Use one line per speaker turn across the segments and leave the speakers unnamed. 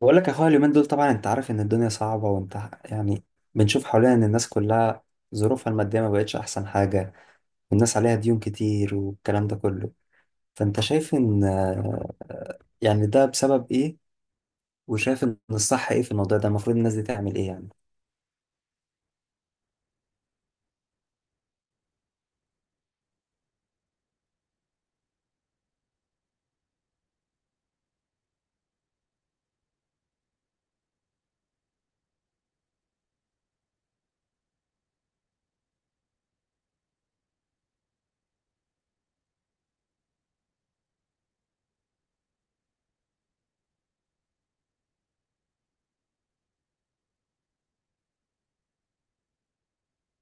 بقول لك يا اخويا، اليومين دول طبعا انت عارف ان الدنيا صعبة. وانت، يعني، بنشوف حوالينا ان الناس كلها ظروفها المادية ما بقتش احسن حاجة، والناس عليها ديون كتير والكلام ده كله. فانت شايف ان يعني ده بسبب ايه؟ وشايف ان الصح ايه في الموضوع ده؟ المفروض الناس دي تعمل ايه يعني؟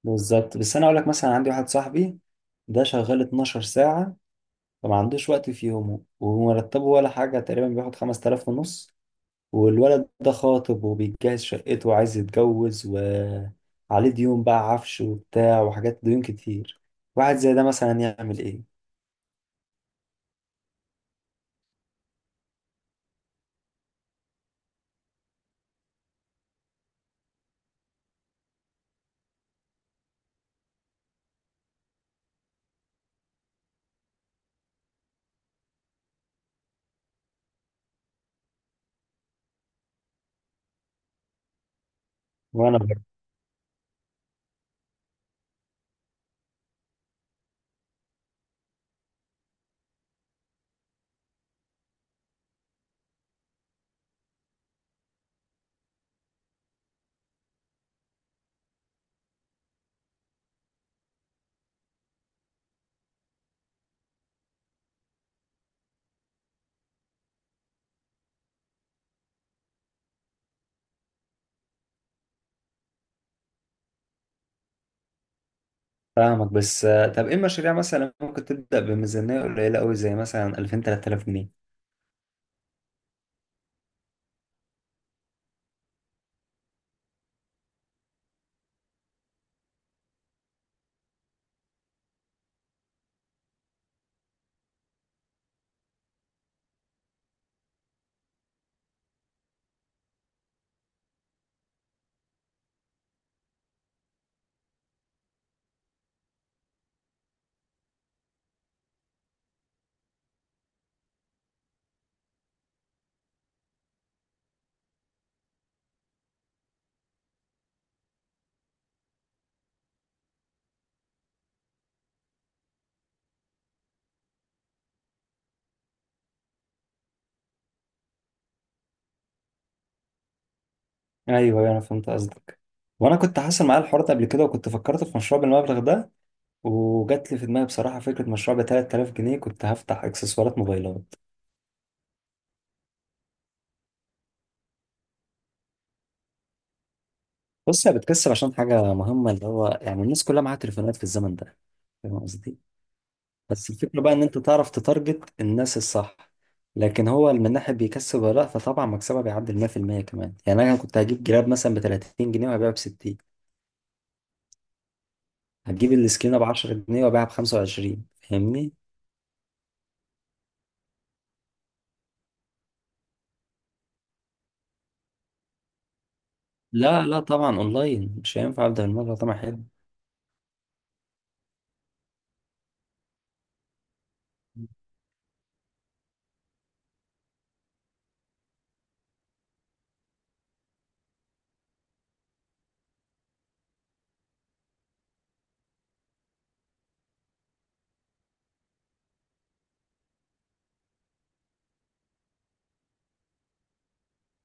بالظبط. بس انا اقول لك، مثلا عندي واحد صاحبي ده شغال 12 ساعة، فما عندوش وقت في يومه، ومرتبه ولا حاجة، تقريبا بياخد 5000 ونص. والولد ده خاطب وبيجهز شقته وعايز يتجوز، وعليه ديون بقى، عفش وبتاع وحاجات، ديون كتير. واحد زي ده مثلا يعمل ايه؟ وانا برضه. فاهمك. بس طب ايه المشاريع مثلا ممكن تبدأ بميزانية قليلة قوي، زي مثلا 2000، 3000 جنيه؟ ايوه، أيوه، انا فهمت قصدك. وانا كنت حاصل معايا الحوار ده قبل كده، وكنت فكرت في مشروع بالمبلغ ده. وجات لي في دماغي بصراحة فكرة مشروع ب 3000 جنيه، كنت هفتح اكسسوارات موبايلات. بص، هي بتكسب عشان حاجة مهمة، اللي هو يعني الناس كلها معاها تليفونات في الزمن ده. فاهم قصدي؟ بس الفكرة بقى إن أنت تعرف تتارجت الناس الصح. لكن هو من ناحية بيكسب ولا لأ، فطبعا مكسبها بيعدي ال 100% كمان. يعني أنا كنت هجيب جراب مثلا ب 30 جنيه وهبيعه ب 60. هتجيب السكينة ب 10 جنيه وهبيعها ب 25. فاهمني؟ لا، لا، طبعا أونلاين. مش هينفع أبدأ الموضوع طبعا حلو.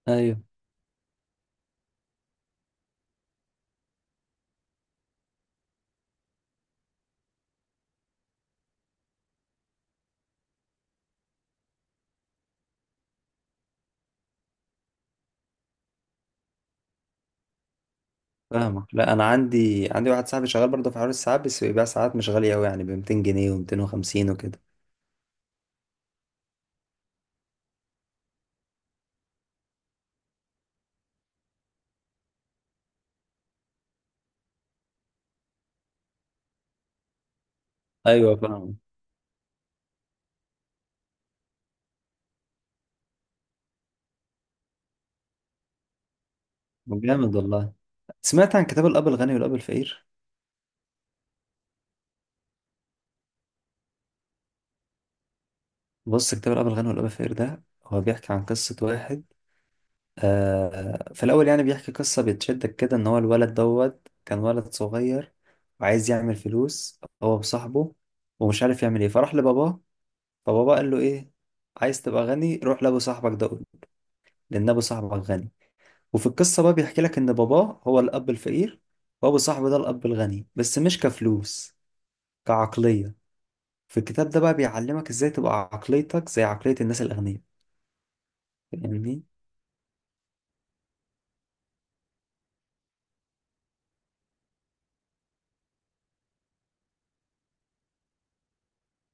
أيوه فاهمك. لا، أنا عندي واحد صاحبي شغال برضه في حوار الساعات، بس بيبيع ساعات مش غالية أوي، يعني ب 200 جنيه و250 وكده. ايوه، فاهم. جامد والله. سمعت عن كتاب الأب الغني والأب الفقير؟ بص، كتاب الأب الغني والأب الفقير ده هو بيحكي عن قصة واحد. في الأول يعني بيحكي قصة بتشدك كده، إن هو الولد دوت كان ولد صغير وعايز يعمل فلوس هو وصاحبه، ومش عارف يعمل إيه، فراح لباباه. فباباه قال له إيه؟ عايز تبقى غني؟ روح لأبو صاحبك ده قول، لأن أبو صاحبك غني. وفي القصة بقى بيحكي لك إن باباه هو الأب الفقير، وأبو صاحبه ده الأب الغني، بس مش كفلوس، كعقلية. في الكتاب ده بقى بيعلمك ازاي تبقى عقليتك زي عقلية الناس الأغنياء، فاهمني؟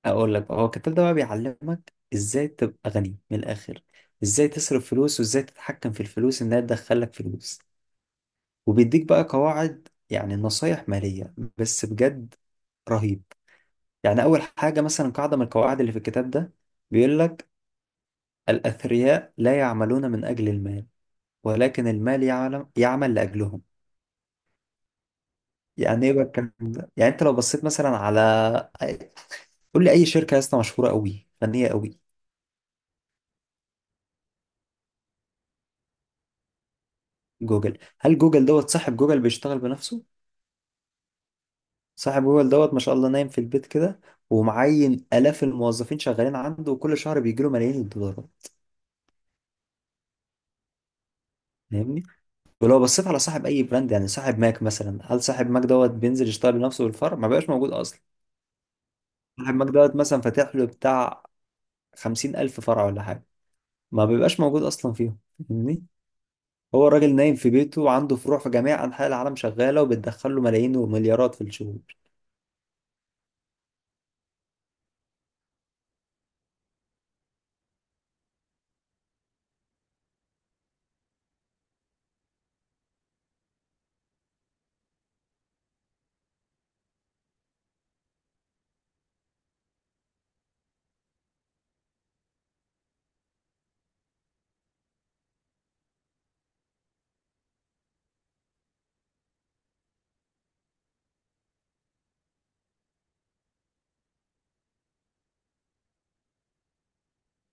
أقول لك بقى، هو الكتاب ده بقى بيعلمك ازاي تبقى غني من الآخر. ازاي تصرف فلوس، وازاي تتحكم في الفلوس انها تدخلك فلوس. وبيديك بقى قواعد، يعني نصايح مالية بس بجد رهيب. يعني أول حاجة مثلا، قاعدة من القواعد اللي في الكتاب ده، بيقول لك: الأثرياء لا يعملون من أجل المال، ولكن المال يعلم يعمل لأجلهم. يعني ايه بقى الكلام ده؟ يعني انت لو بصيت مثلا على، قول لي اي شركه يا اسطى مشهوره قوي، فنيه قوي. جوجل. هل جوجل دوت صاحب جوجل بيشتغل بنفسه؟ صاحب جوجل دوت ما شاء الله نايم في البيت كده، ومعين الاف الموظفين شغالين عنده، وكل شهر بيجي له ملايين الدولارات، فاهمني؟ ولو بصيت على صاحب اي براند، يعني صاحب ماك مثلا، هل صاحب ماك دوت بينزل يشتغل بنفسه بالفرع؟ ما بقاش موجود اصلا. صاحب ماك دوت مثلا فاتح له بتاع 50,000 فرع ولا حاجه، ما بيبقاش موجود اصلا فيهم، فاهمني؟ هو الراجل نايم في بيته وعنده فروع في جميع انحاء العالم شغاله، وبتدخل له ملايين ومليارات في الشهور.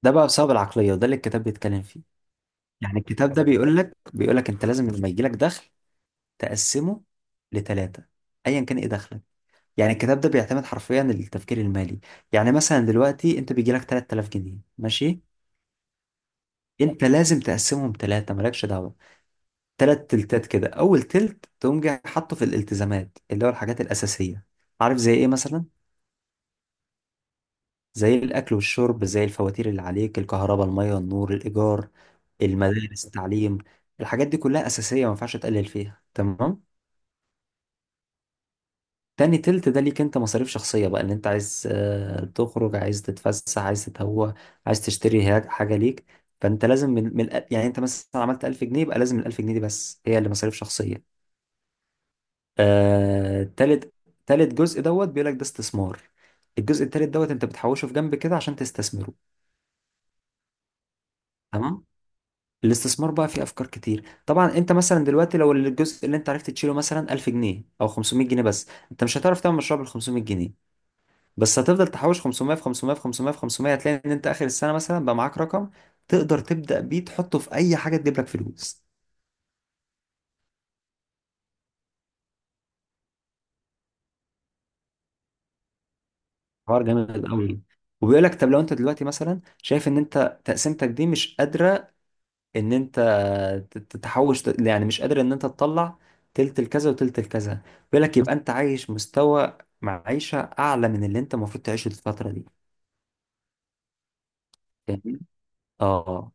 ده بقى بسبب العقلية، وده اللي الكتاب بيتكلم فيه. يعني الكتاب ده بيقول لك انت لازم لما يجي لك دخل تقسمه لثلاثة، ايا كان ايه دخلك. يعني الكتاب ده بيعتمد حرفيا التفكير المالي. يعني مثلا دلوقتي انت بيجي لك 3000 جنيه، ماشي. انت لازم تقسمهم ثلاثة، مالكش دعوة. ثلاث تلتات كده. اول تلت تقوم جاي حاطه في الالتزامات، اللي هو الحاجات الأساسية. عارف زي ايه مثلا؟ زي الأكل والشرب، زي الفواتير اللي عليك، الكهرباء، المية، النور، الإيجار، المدارس، التعليم. الحاجات دي كلها أساسية، ما ينفعش تقلل فيها. تمام. تاني تلت ده ليك انت، مصاريف شخصية بقى. ان انت عايز تخرج، عايز تتفسح، عايز تتهوى، عايز تشتري حاجة ليك. فانت لازم يعني انت مثلا عملت 1000 جنيه، يبقى لازم ال 1000 جنيه دي بس هي اللي مصاريف شخصية. آه تالت تالت جزء دوت بيقول لك ده استثمار. الجزء التالت دوت انت بتحوشه في جنب كده عشان تستثمره. تمام. الاستثمار بقى فيه افكار كتير. طبعا انت مثلا دلوقتي لو الجزء اللي انت عرفت تشيله مثلا 1000 جنيه او 500 جنيه بس، انت مش هتعرف تعمل مشروع بال 500 جنيه. بس هتفضل تحوش 500 في 500 في 500 في 500، هتلاقي ان انت اخر السنه مثلا بقى معاك رقم تقدر تبدا بيه، تحطه في اي حاجه تجيب لك فلوس. حوار جامد قوي. وبيقول لك طب لو انت دلوقتي مثلا شايف ان انت تقسيمتك دي مش قادره، ان انت تتحوش، يعني مش قادر ان انت تطلع تلت الكذا وتلت الكذا، بيقول لك يبقى انت عايش مستوى معيشة اعلى من اللي انت المفروض تعيشه في الفترة دي، فاهمني؟ اه.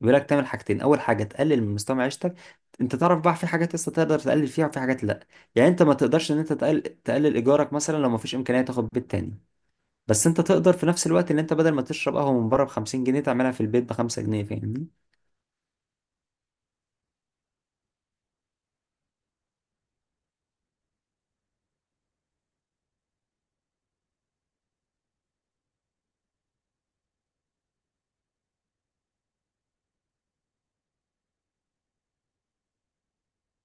بيقول لك تعمل حاجتين. اول حاجة، تقلل من مستوى معيشتك. انت تعرف بقى في حاجات لسه تقدر تقلل فيها، وفي حاجات لا. يعني انت ما تقدرش ان انت تقلل ايجارك مثلا لو ما فيش امكانية تاخد بيت تاني. بس انت تقدر في نفس الوقت ان انت بدل ما تشرب قهوة من بره ب 50 جنيه، تعملها في البيت ب 5 جنيه. فاهمني؟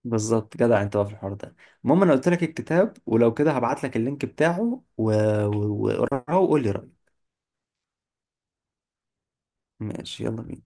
بالظبط جدع انت بقى في الحوار ده. المهم، انا قلت لك الكتاب ولو كده هبعت لك اللينك بتاعه وقراه وقول لي رأيك. ماشي، يلا بينا.